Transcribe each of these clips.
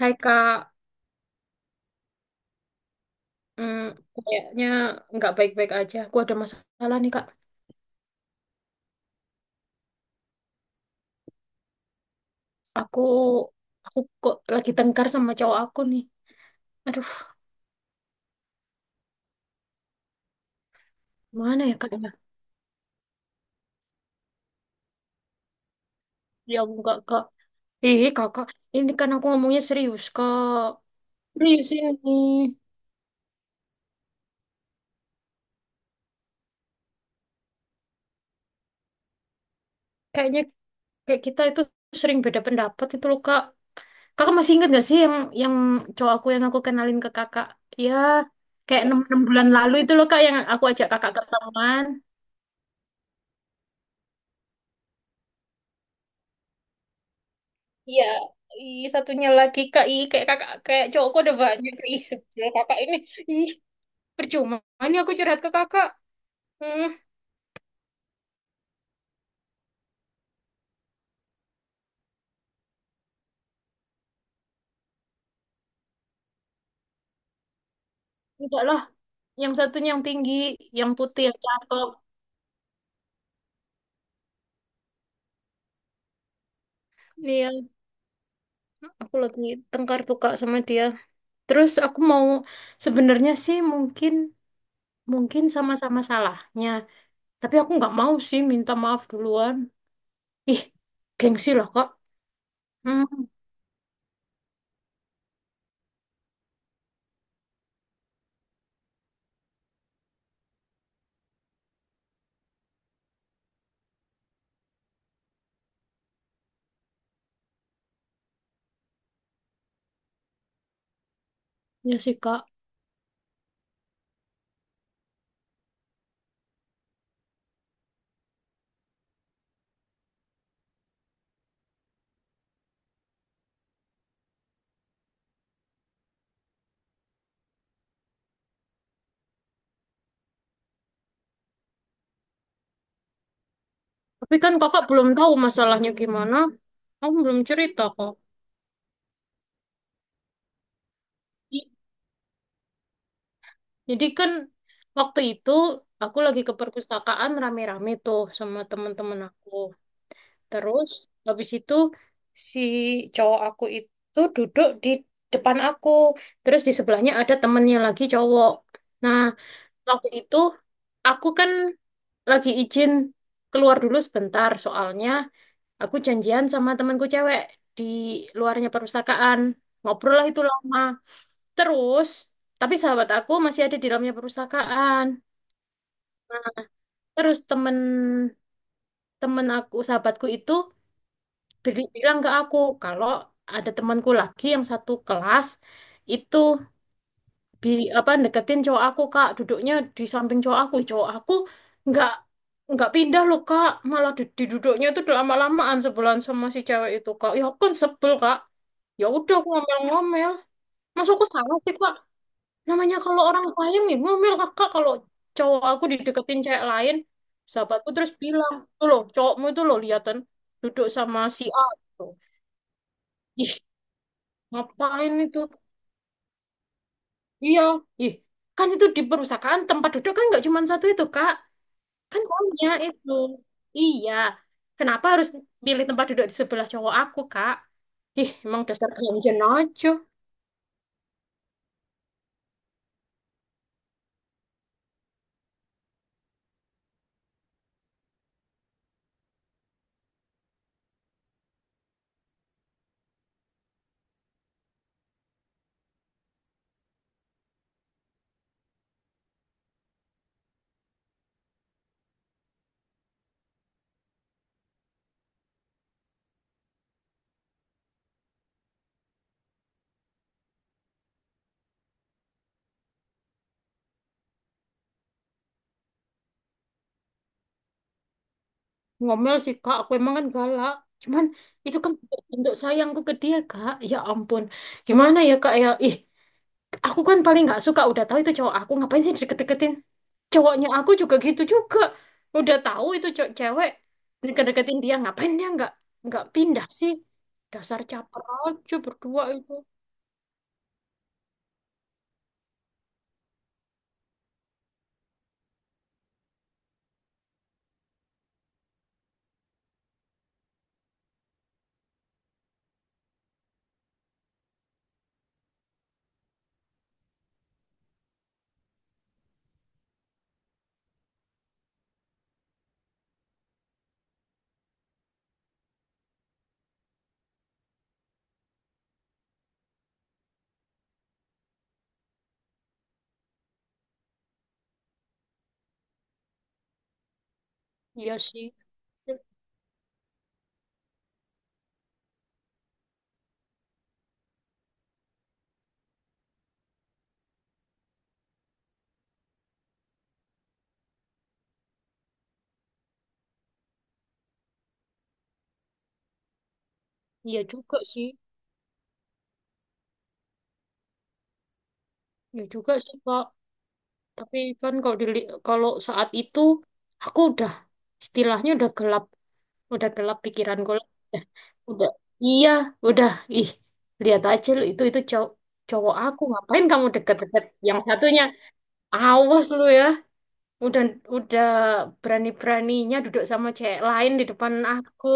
Hai Kak, Hmm, kayaknya nggak baik-baik aja. Aku ada masalah nih Kak. Aku aku kok lagi tengkar sama cowok aku nih. Aduh, mana ya Kak? Ya. Ya, enggak Kak. Ih Kakak, ini kan aku ngomongnya serius Kak. Serius ini. Kayaknya kayak kita itu sering beda pendapat itu loh Kak. Kakak masih ingat gak sih yang cowok aku yang aku kenalin ke Kakak? Ya, kayak enam enam bulan lalu itu loh Kak yang aku ajak Kakak ketemuan. Iya, ih, satunya lagi kak, kayak kakak, kayak cowokku ada banyak, kak sebel kakak ini, ih, percuma, ini aku curhat ke kakak, hmm, Enggak lah, yang satunya yang tinggi, yang putih, yang cakep. Iya, aku lagi tengkar tuh kak sama dia, terus aku mau, sebenarnya sih mungkin sama-sama salahnya, tapi aku nggak mau sih minta maaf duluan, ih, gengsi lah kak, hmm, ya sih kak. Tapi kan kakak belum tahu masalahnya gimana. Aku belum cerita kok. I- Jadi kan waktu itu aku lagi ke perpustakaan rame-rame tuh sama teman-teman aku. Terus habis itu si cowok aku itu duduk di depan aku. Terus di sebelahnya ada temennya lagi cowok. Nah, waktu itu aku kan lagi izin keluar dulu sebentar soalnya aku janjian sama temanku cewek di luarnya perpustakaan. Ngobrol lah itu lama. Terus, tapi sahabat aku masih ada di dalamnya perpustakaan. Terus temen temen aku, sahabatku itu bilang ke aku kalau ada temanku lagi yang satu kelas itu bi apa deketin cowok aku kak, duduknya di samping cowok aku, cowok aku nggak nggak pindah loh kak, malah di duduknya itu udah lama-lamaan sebelan sama si cewek itu kak. Ya aku kan sebel kak, ya udah aku ngomel-ngomel, masuk aku salah sih kak, namanya kalau orang sayang nih ngomel kakak kalau cowok aku dideketin cewek lain. Sahabatku terus bilang tuh loh cowokmu itu loh liatan duduk sama si A gitu. Ih, ngapain itu, iya, ih, kan itu di perpustakaan tempat duduk kan nggak cuma satu itu kak. Kan punya itu. Iya. Kenapa harus pilih tempat duduk di sebelah cowok aku, Kak? Ih, emang dasar ganjen aja. Ngomel sih, Kak. Aku emang kan galak. Cuman itu kan bentuk sayangku ke dia, Kak. Ya ampun. Gimana ya, Kak? Ya, ih, aku kan paling nggak suka. Udah tahu itu cowok aku. Ngapain sih deket-deketin? Cowoknya aku juga gitu juga. Udah tahu itu cowok cewek. Deket-deketin dia. Ngapain dia nggak pindah sih? Dasar caper aja berdua itu. Iya sih. Iya juga sih, iya juga sih Kak. Tapi kan kalau saat itu aku udah istilahnya udah gelap pikiranku lah. Udah, udah, iya, udah. Ih, lihat aja lu itu cowok cowok aku, ngapain kamu deket-deket yang satunya, awas lu ya, udah udah berani-beraninya duduk sama cewek lain di depan aku.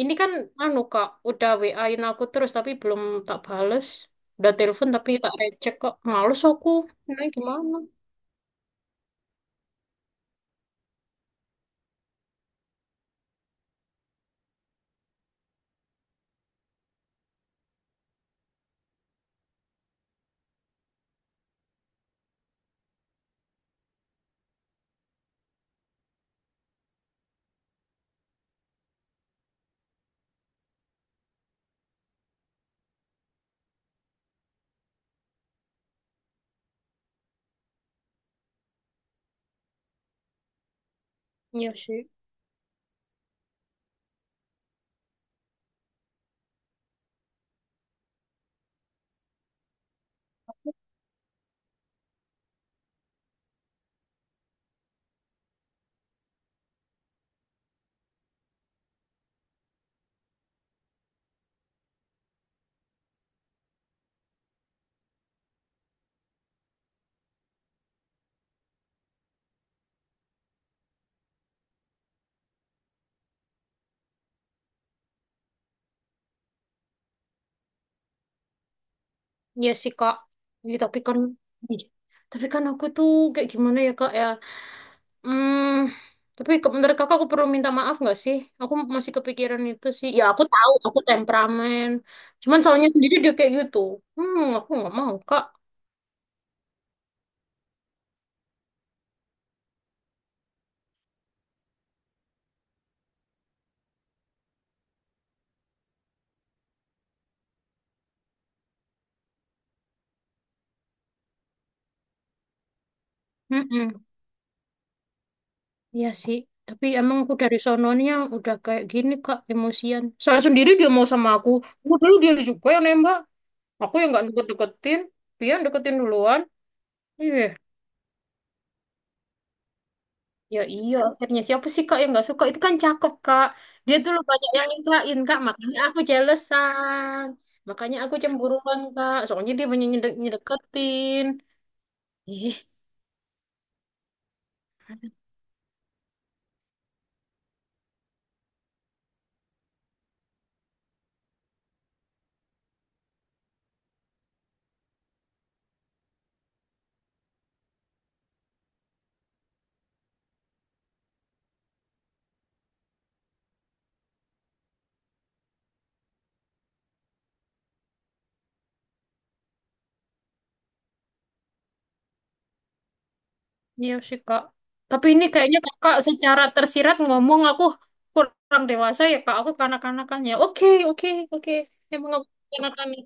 Ini kan anu Kak, udah WA-in aku terus tapi belum tak bales. Udah telepon tapi tak recek kok. Males aku. Ini gimana? Iya sih. Iya sih Kak. Iya Ih, tapi kan aku tuh kayak gimana ya Kak ya? Hmm, tapi menurut Kakak aku perlu minta maaf nggak sih? Aku masih kepikiran itu sih. Ya aku tahu aku temperamen. Cuman salahnya sendiri dia kayak gitu. Aku nggak mau Kak. Iya sih, tapi emang aku dari sononya udah kayak gini Kak, emosian. Salah sendiri dia mau sama aku. Aku dulu dia juga yang nembak. Aku yang nggak deket-deketin, dia yang deketin duluan. Iya, ya iya akhirnya siapa sih Kak yang nggak suka? Itu kan cakep Kak. Dia tuh lu banyak yang nikahin Kak, makanya aku jealousan. Makanya aku cemburuan Kak, soalnya dia banyak nyedeketin. Ih. Iya sih kak. Tapi ini kayaknya kakak secara tersirat ngomong aku kurang dewasa ya kak. Aku kanak-kanakan ya. Oke, oke, oke. Emang aku kanak-kanak.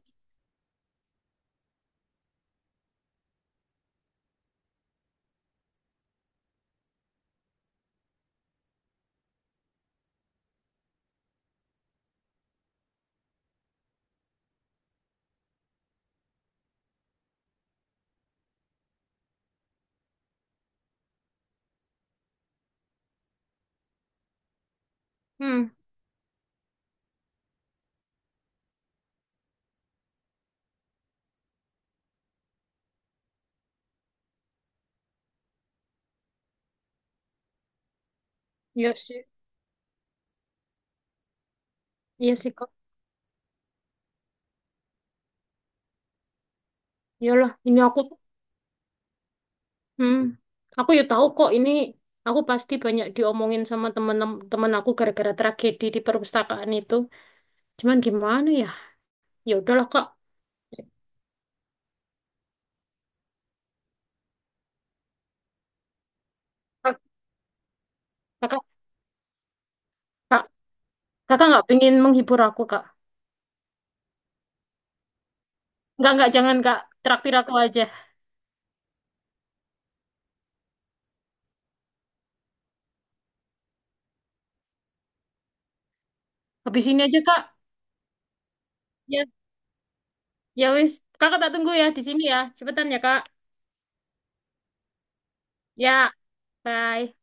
Hmm. Iya sih. Iya sih kak. Iyalah. Ini aku. Hmm. Aku ya tahu kok ini. Aku pasti banyak diomongin sama temen-temen aku gara-gara tragedi di perpustakaan itu. Cuman gimana ya? Ya udahlah kak. Kak- Kakak kak. Kakak nggak pengen menghibur aku kak. Nggak, jangan kak. Traktir aku aja. Habis ini aja kak. Ya. Ya wis, kakak tak tunggu ya di sini ya. Cepetan ya, Kak. Ya, bye.